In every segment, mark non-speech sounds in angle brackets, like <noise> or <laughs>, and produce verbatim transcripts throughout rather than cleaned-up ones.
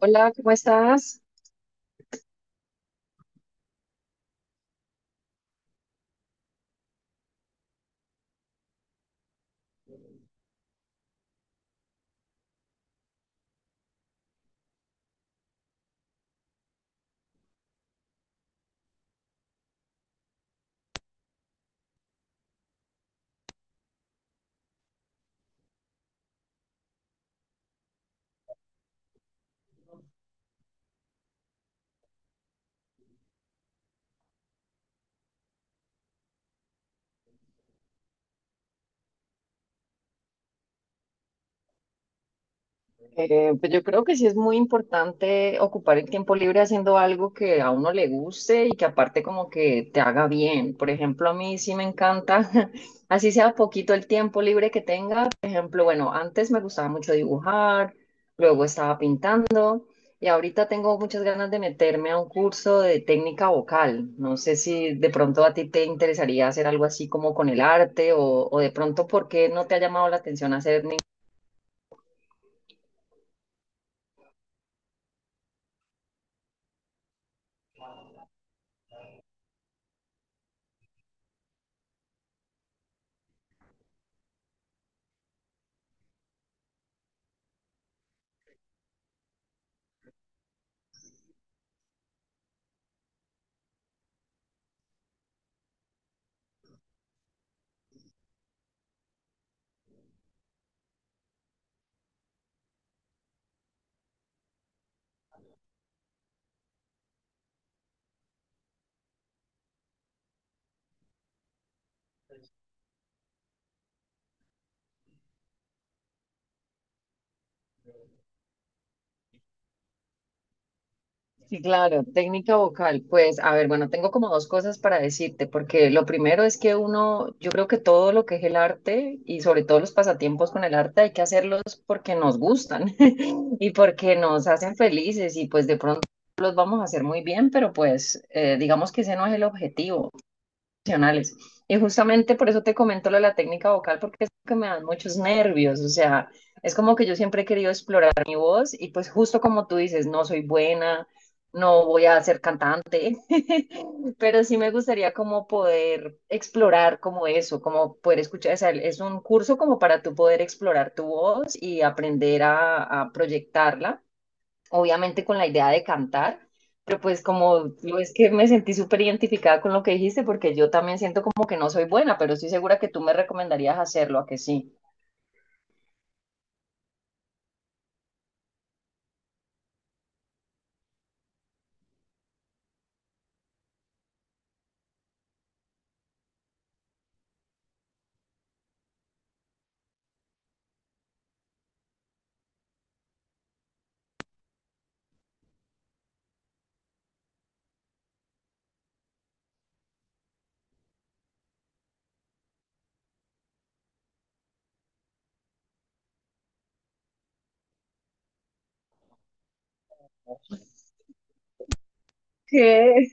Hola, ¿cómo estás? Eh, pues yo creo que sí es muy importante ocupar el tiempo libre haciendo algo que a uno le guste y que aparte como que te haga bien. Por ejemplo, a mí sí me encanta, <laughs> así sea poquito el tiempo libre que tenga. Por ejemplo, bueno, antes me gustaba mucho dibujar, luego estaba pintando y ahorita tengo muchas ganas de meterme a un curso de técnica vocal. No sé si de pronto a ti te interesaría hacer algo así como con el arte o, o de pronto por qué no te ha llamado la atención hacer. Sí, claro, técnica vocal. Pues, a ver, bueno, tengo como dos cosas para decirte, porque lo primero es que uno, yo creo que todo lo que es el arte y sobre todo los pasatiempos con el arte hay que hacerlos porque nos gustan <laughs> y porque nos hacen felices y pues de pronto los vamos a hacer muy bien, pero pues eh, digamos que ese no es el objetivo emocionales. Y justamente por eso te comento lo de la técnica vocal, porque es que me dan muchos nervios, o sea, es como que yo siempre he querido explorar mi voz y pues justo como tú dices, no soy buena, no voy a ser cantante, <laughs> pero sí me gustaría como poder explorar como eso, como poder escuchar, o sea, es un curso como para tú poder explorar tu voz y aprender a, a proyectarla obviamente con la idea de cantar, pero pues como lo es que me sentí súper identificada con lo que dijiste, porque yo también siento como que no soy buena, pero estoy segura que tú me recomendarías hacerlo, a que sí. ¿Qué?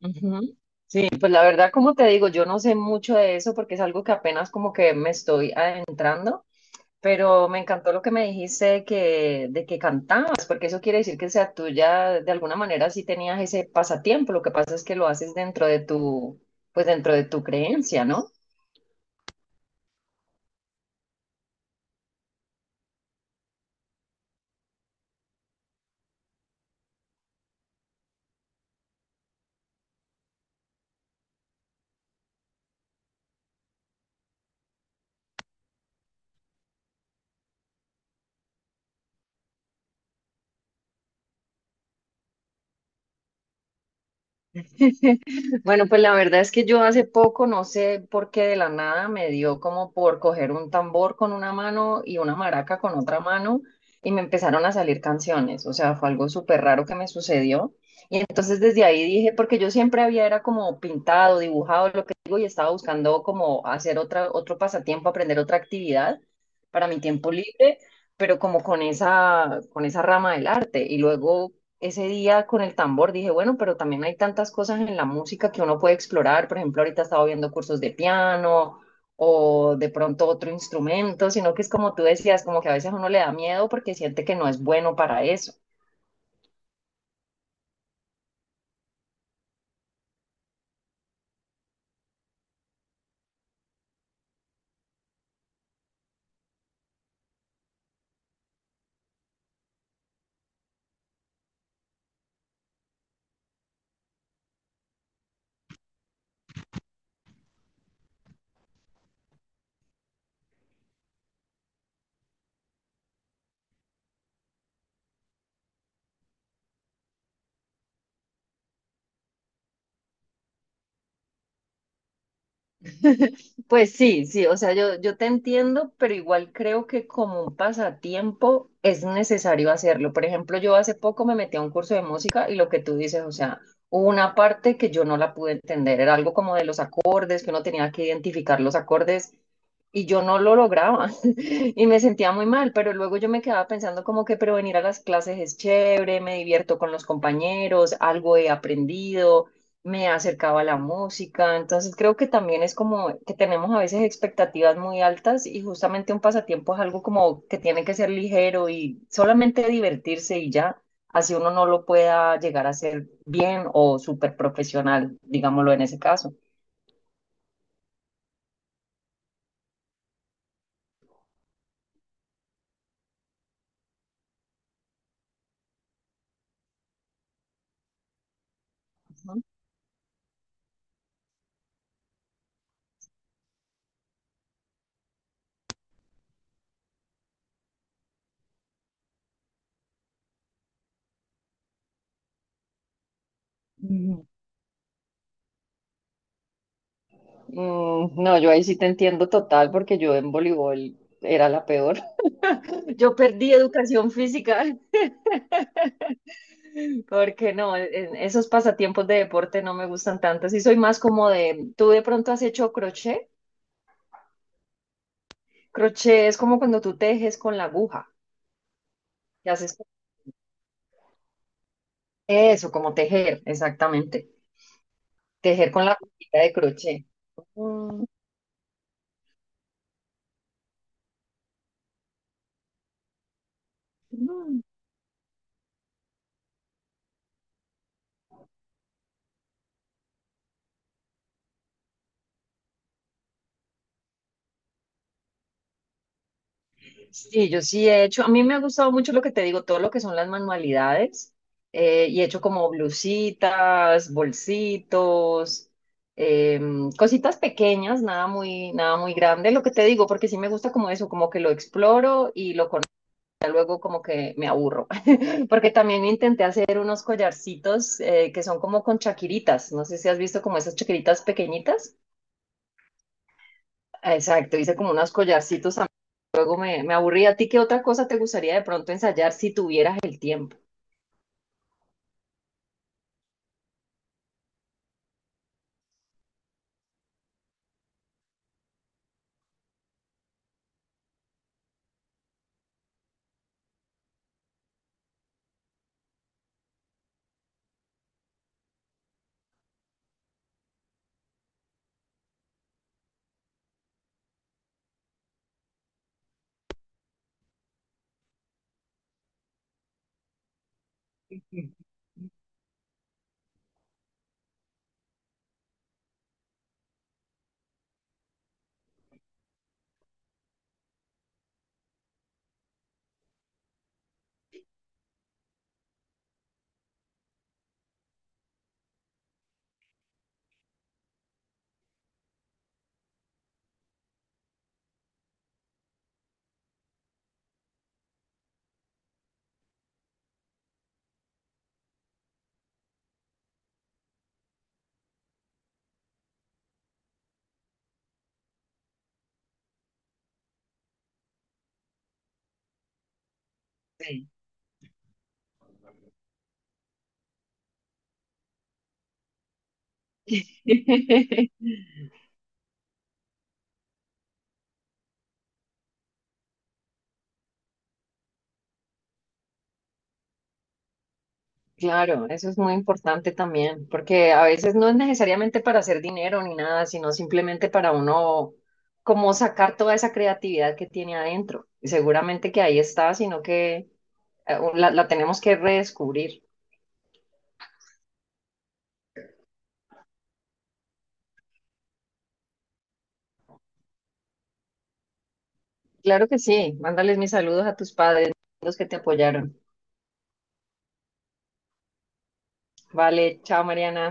Ujú. Sí, pues la verdad, como te digo, yo no sé mucho de eso porque es algo que apenas como que me estoy adentrando, pero me encantó lo que me dijiste de que, de que cantabas, porque eso quiere decir que sea tuya, de alguna manera sí tenías ese pasatiempo, lo que pasa es que lo haces dentro de tu, pues dentro de tu creencia, ¿no? <laughs> Bueno, pues la verdad es que yo hace poco, no sé por qué de la nada, me dio como por coger un tambor con una mano y una maraca con otra mano y me empezaron a salir canciones. O sea, fue algo súper raro que me sucedió. Y entonces desde ahí dije, porque yo siempre había era como pintado, dibujado, lo que digo, y estaba buscando como hacer otra, otro pasatiempo, aprender otra actividad para mi tiempo libre, pero como con esa, con esa rama del arte. Y luego ese día con el tambor dije, bueno, pero también hay tantas cosas en la música que uno puede explorar. Por ejemplo, ahorita estaba viendo cursos de piano o de pronto otro instrumento, sino que es como tú decías, como que a veces uno le da miedo porque siente que no es bueno para eso. Pues sí, sí, o sea, yo, yo te entiendo, pero igual creo que como un pasatiempo es necesario hacerlo. Por ejemplo, yo hace poco me metí a un curso de música y lo que tú dices, o sea, hubo una parte que yo no la pude entender, era algo como de los acordes, que uno tenía que identificar los acordes y yo no lo lograba <laughs> y me sentía muy mal, pero luego yo me quedaba pensando como que, pero venir a las clases es chévere, me divierto con los compañeros, algo he aprendido, me acercaba a la música, entonces creo que también es como que tenemos a veces expectativas muy altas y justamente un pasatiempo es algo como que tiene que ser ligero y solamente divertirse y ya, así uno no lo pueda llegar a hacer bien o súper profesional, digámoslo en ese caso. ¿No? Mm. No, yo ahí sí te entiendo total porque yo en voleibol era la peor. Yo perdí educación física. <laughs> Porque no, en esos pasatiempos de deporte no me gustan tanto. Sí soy más como de, ¿tú de pronto has hecho crochet? Crochet es como cuando tú tejes con la aguja. Y haces eso, como tejer, exactamente. Tejer con la agujita de crochet. Mm. Sí, yo sí he hecho, a mí me ha gustado mucho lo que te digo, todo lo que son las manualidades, eh, y he hecho como blusitas, bolsitos, em, cositas pequeñas, nada muy, nada muy grande, lo que te digo, porque sí me gusta como eso, como que lo exploro y lo con, ya luego como que me aburro, <laughs> porque también intenté hacer unos collarcitos, eh, que son como con chaquiritas, no sé si has visto como esas chaquiritas pequeñitas. Exacto, hice como unos collarcitos. Luego me, me aburrí. ¿A ti qué otra cosa te gustaría de pronto ensayar si tuvieras el tiempo? Sí. <laughs> Claro, eso es muy importante también, porque a veces no es necesariamente para hacer dinero ni nada, sino simplemente para uno como sacar toda esa creatividad que tiene adentro. Y seguramente que ahí está, sino que eh, la, la tenemos que redescubrir. Claro que sí, mándales mis saludos a tus padres, los que te apoyaron. Vale, chao Mariana.